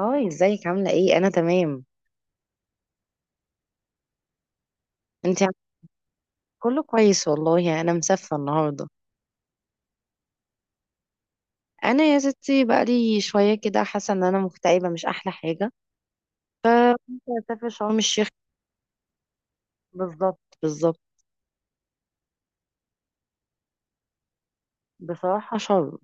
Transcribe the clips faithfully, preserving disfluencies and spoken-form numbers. هاي ازيك؟ عاملة ايه؟ انا تمام. انت عم- كله كويس والله، يعني انا مسافة النهاردة. انا يا ستي بقالي شوية كده حاسة ان انا مكتئبة، مش احلى حاجة. كنت هسافر شرم الشيخ. بالظبط بالظبط. بصراحة شرم.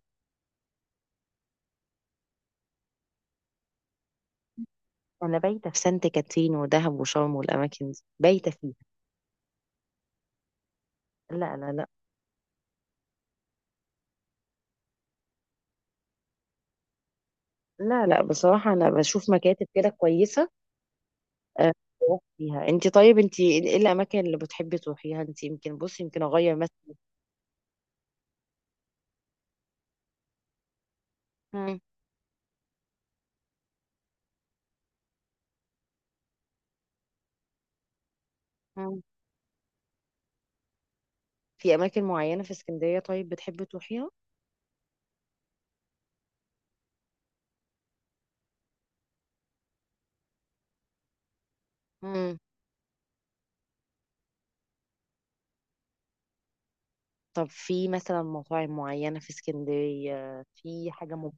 انا بايتة في سانت كاترين ودهب وشرم، والاماكن دي بايتة فيها. لا لا لا. لا لا، بصراحة انا بشوف مكاتب كده كويسة. أه، بروح فيها. انت طيب، انت ايه الاماكن اللي بتحبي تروحيها؟ انت يمكن، بصي يمكن اغير مثلا. مم، مم. في اماكن معينة في اسكندرية طيب بتحبي تروحيها؟ مم. طب في مثلا مطاعم معينة في اسكندرية، في حاجة مب...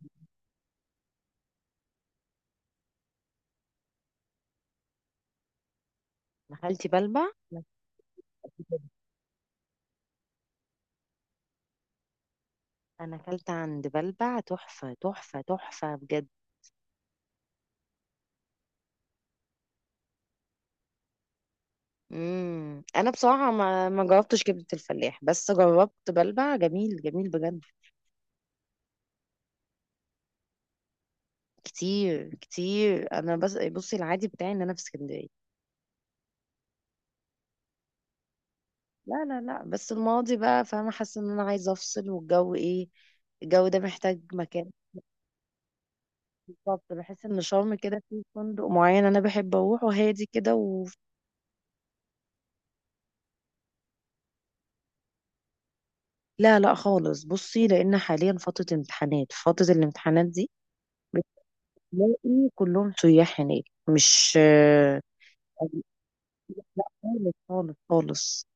أنا أكلت بلبع. أنا أكلت عند بلبع، تحفة تحفة تحفة بجد. مم. أنا بصراحة ما ما جربتش كبدة الفلاح، بس جربت بلبع، جميل جميل بجد. كتير كتير. أنا بس بصي، العادي بتاعي إن أنا في اسكندرية. لا لا لا، بس الماضي بقى، فأنا حاسة إن أنا عايزة أفصل، والجو إيه، الجو ده محتاج مكان. بالظبط، بحس ان شرم كده، في فندق معين انا بحب اروحه هادي كده و... لا لا خالص، بصي لان حاليا فتره امتحانات فتره الامتحانات دي تلاقي كلهم سياح هناك. مش آه، خالص خالص خالص.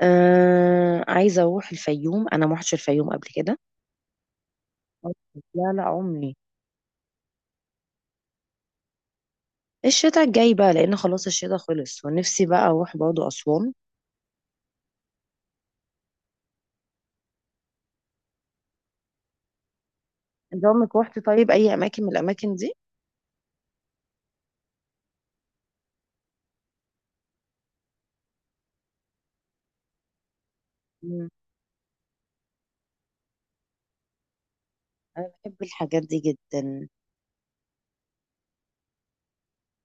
آه... عايزه اروح الفيوم، انا ما رحتش الفيوم قبل كده. لا لا، عمري. الشتاء الجاي بقى، لان خلاص الشتاء خلص، ونفسي بقى اروح برضه اسوان. انت عمرك روحتي طيب اي اماكن من الاماكن دي؟ مم. انا بحب الحاجات دي جدا.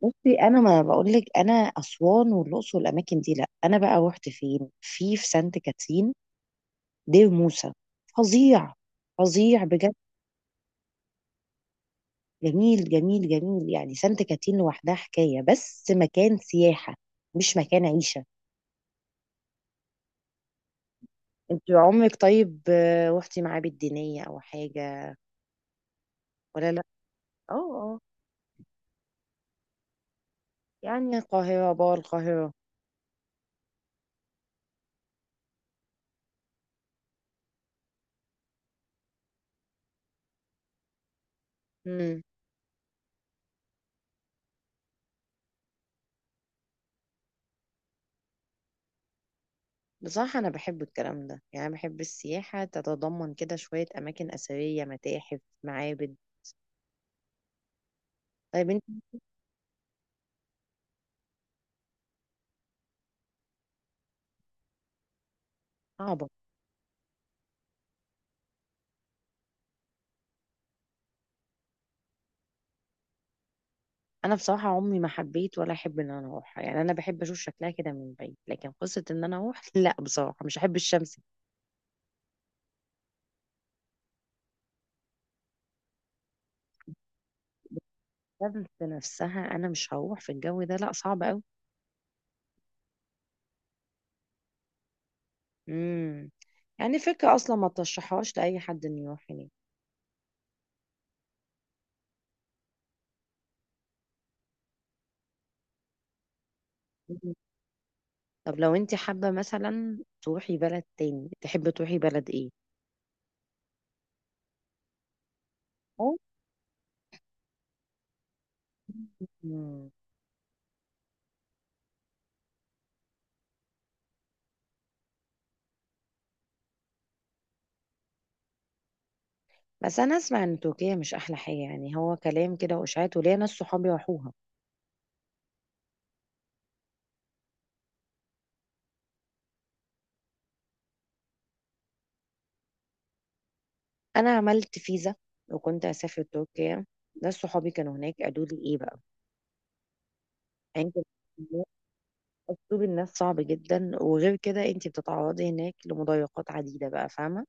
بصي، انا ما بقول لك، انا اسوان والاقصر والاماكن دي لا، انا بقى رحت فين؟ في في سانت كاترين، دير موسى. فظيع. فظيع بجد. جميل جميل جميل، يعني سانت كاترين لوحدها حكايه، بس مكان سياحه، مش مكان عيشه. انت عمرك طيب، آه، رحتي معابد دينيه او حاجه ولا لا؟ اه اه. يعني القاهره بقى، القاهره. امم. بصراحه انا بحب الكلام ده، يعني بحب السياحه تتضمن كده شويه اماكن اثريه، متاحف، معابد. طيب. صعبة. أنا بصراحة عمري ما حبيت ولا أحب إن أنا أروحها، يعني أنا بحب أشوف شكلها كده من بعيد، لكن قصة إن أنا أروح لا بصراحة مش أحب الشمس. الشمس نفسها أنا مش هروح في الجو ده، لا صعب أوي. امم. يعني فكرة أصلا ما ترشحهاش لأي حد إنه يروح هناك. مم. طب لو أنت حابة مثلا تروحي بلد تاني، تحبي تروحي بلد إيه؟ أو. مم. بس أنا أسمع إن تركيا مش أحلى حاجة، يعني هو كلام كده وإشاعات، وليا ناس صحابي راحوها. انا عملت فيزا، وكنت اسافر تركيا. ناس صحابي كانوا هناك قالوا لي ايه بقى. يعني انت، اسلوب الناس صعب جدا، وغير كده انت بتتعرضي هناك لمضايقات عديده، بقى فاهمه.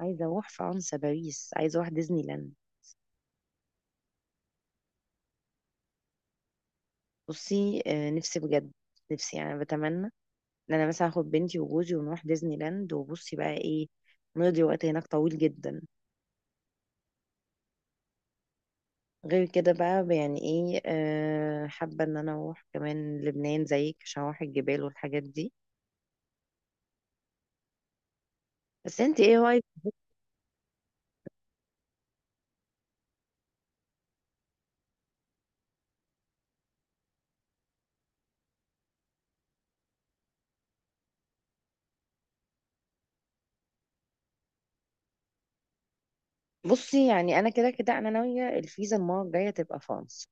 عايزه اروح فرنسا، باريس، عايزه اروح ديزني لاند. بصي، آه، نفسي بجد. نفسي يعني بتمنى ان انا مثلا اخد بنتي وجوزي ونروح ديزني لاند، وبصي بقى ايه، نقضي وقت هناك طويل جدا. غير كده بقى، يعني ايه، آه، حابه ان انا اروح كمان لبنان زيك، عشان اروح الجبال والحاجات دي. بس انت ايه؟ بصي، يعني انا كده كده انا ناويه الفيزا المره الجايه تبقى فرنسا.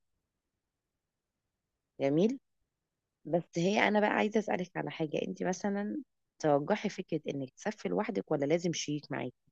جميل. بس هي، انا بقى عايزه اسالك على حاجه، انت مثلا ترجحي فكره انك تسافري لوحدك ولا لازم شريك معاكي؟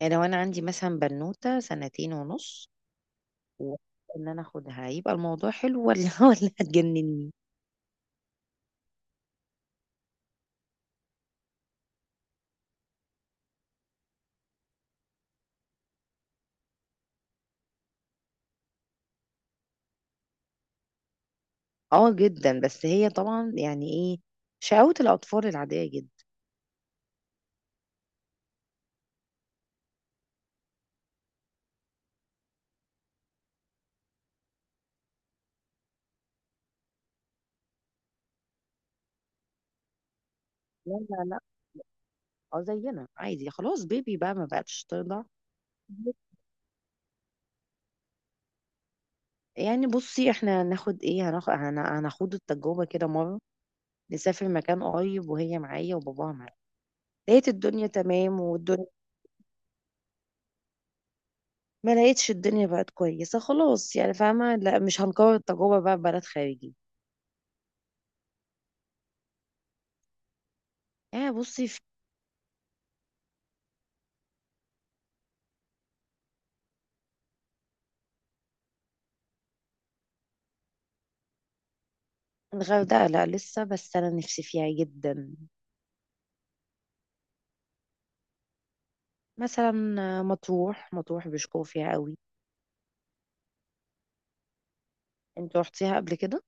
يعني لو انا عندي مثلا بنوته سنتين ونص، وان انا اخدها، يبقى الموضوع حلو ولا ولا هتجنني؟ اه جدا، بس هي طبعا يعني ايه، شقاوة الاطفال العاديه جدا. لا لا لا. اه، زينا عادي، خلاص بيبي بقى ما بقتش ترضع. يعني بصي احنا هناخد ايه، هناخد هناخد التجربة كده مرة، نسافر مكان قريب وهي معايا وباباها معايا، لقيت الدنيا تمام والدنيا، ما لقيتش الدنيا بقت كويسة خلاص، يعني فاهمة لا مش هنكرر التجربة بقى في بلد خارجي. يعني بصي في الغردقة، لا لسه، بس أنا نفسي فيها جدا. مثلا آه، مطروح، مطروح بيشكروا فيها قوي. انت رحتيها قبل كده؟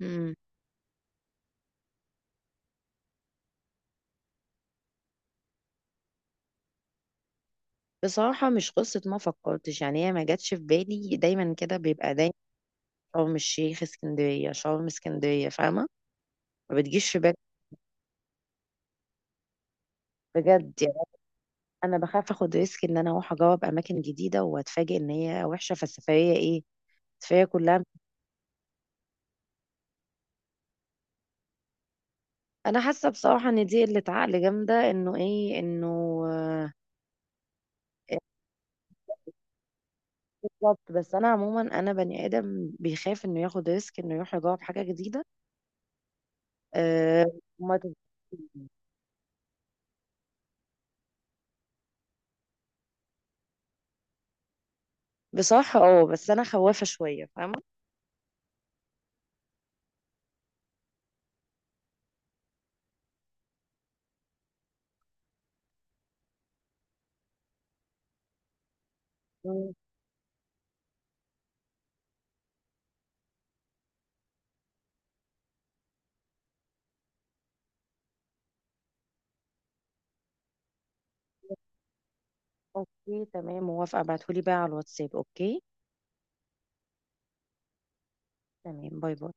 مم. بصراحة مش قصة ما فكرتش، يعني هي ما جاتش في بالي، دايما كده بيبقى دايما شرم الشيخ اسكندرية، شرم اسكندرية، فاهمة. ما بتجيش في بالي، بجد يعني، انا بخاف اخد ريسك ان انا اروح اجرب اماكن جديدة واتفاجئ ان هي وحشة، فالسفرية ايه، السفرية كلها. انا حاسة بصراحة ان دي قلة عقل جامدة، انه ايه انه آه، بالظبط. بس انا عموما انا بني ادم بيخاف انه ياخد ريسك، انه يروح يجرب حاجة جديدة. أه. وما تبقاش- بصراحة اه بس انا خوافة شوية، فاهمة. مم. اوكي تمام، موافقة، ابعتهولي بقى على الواتساب. اوكي تمام، باي باي.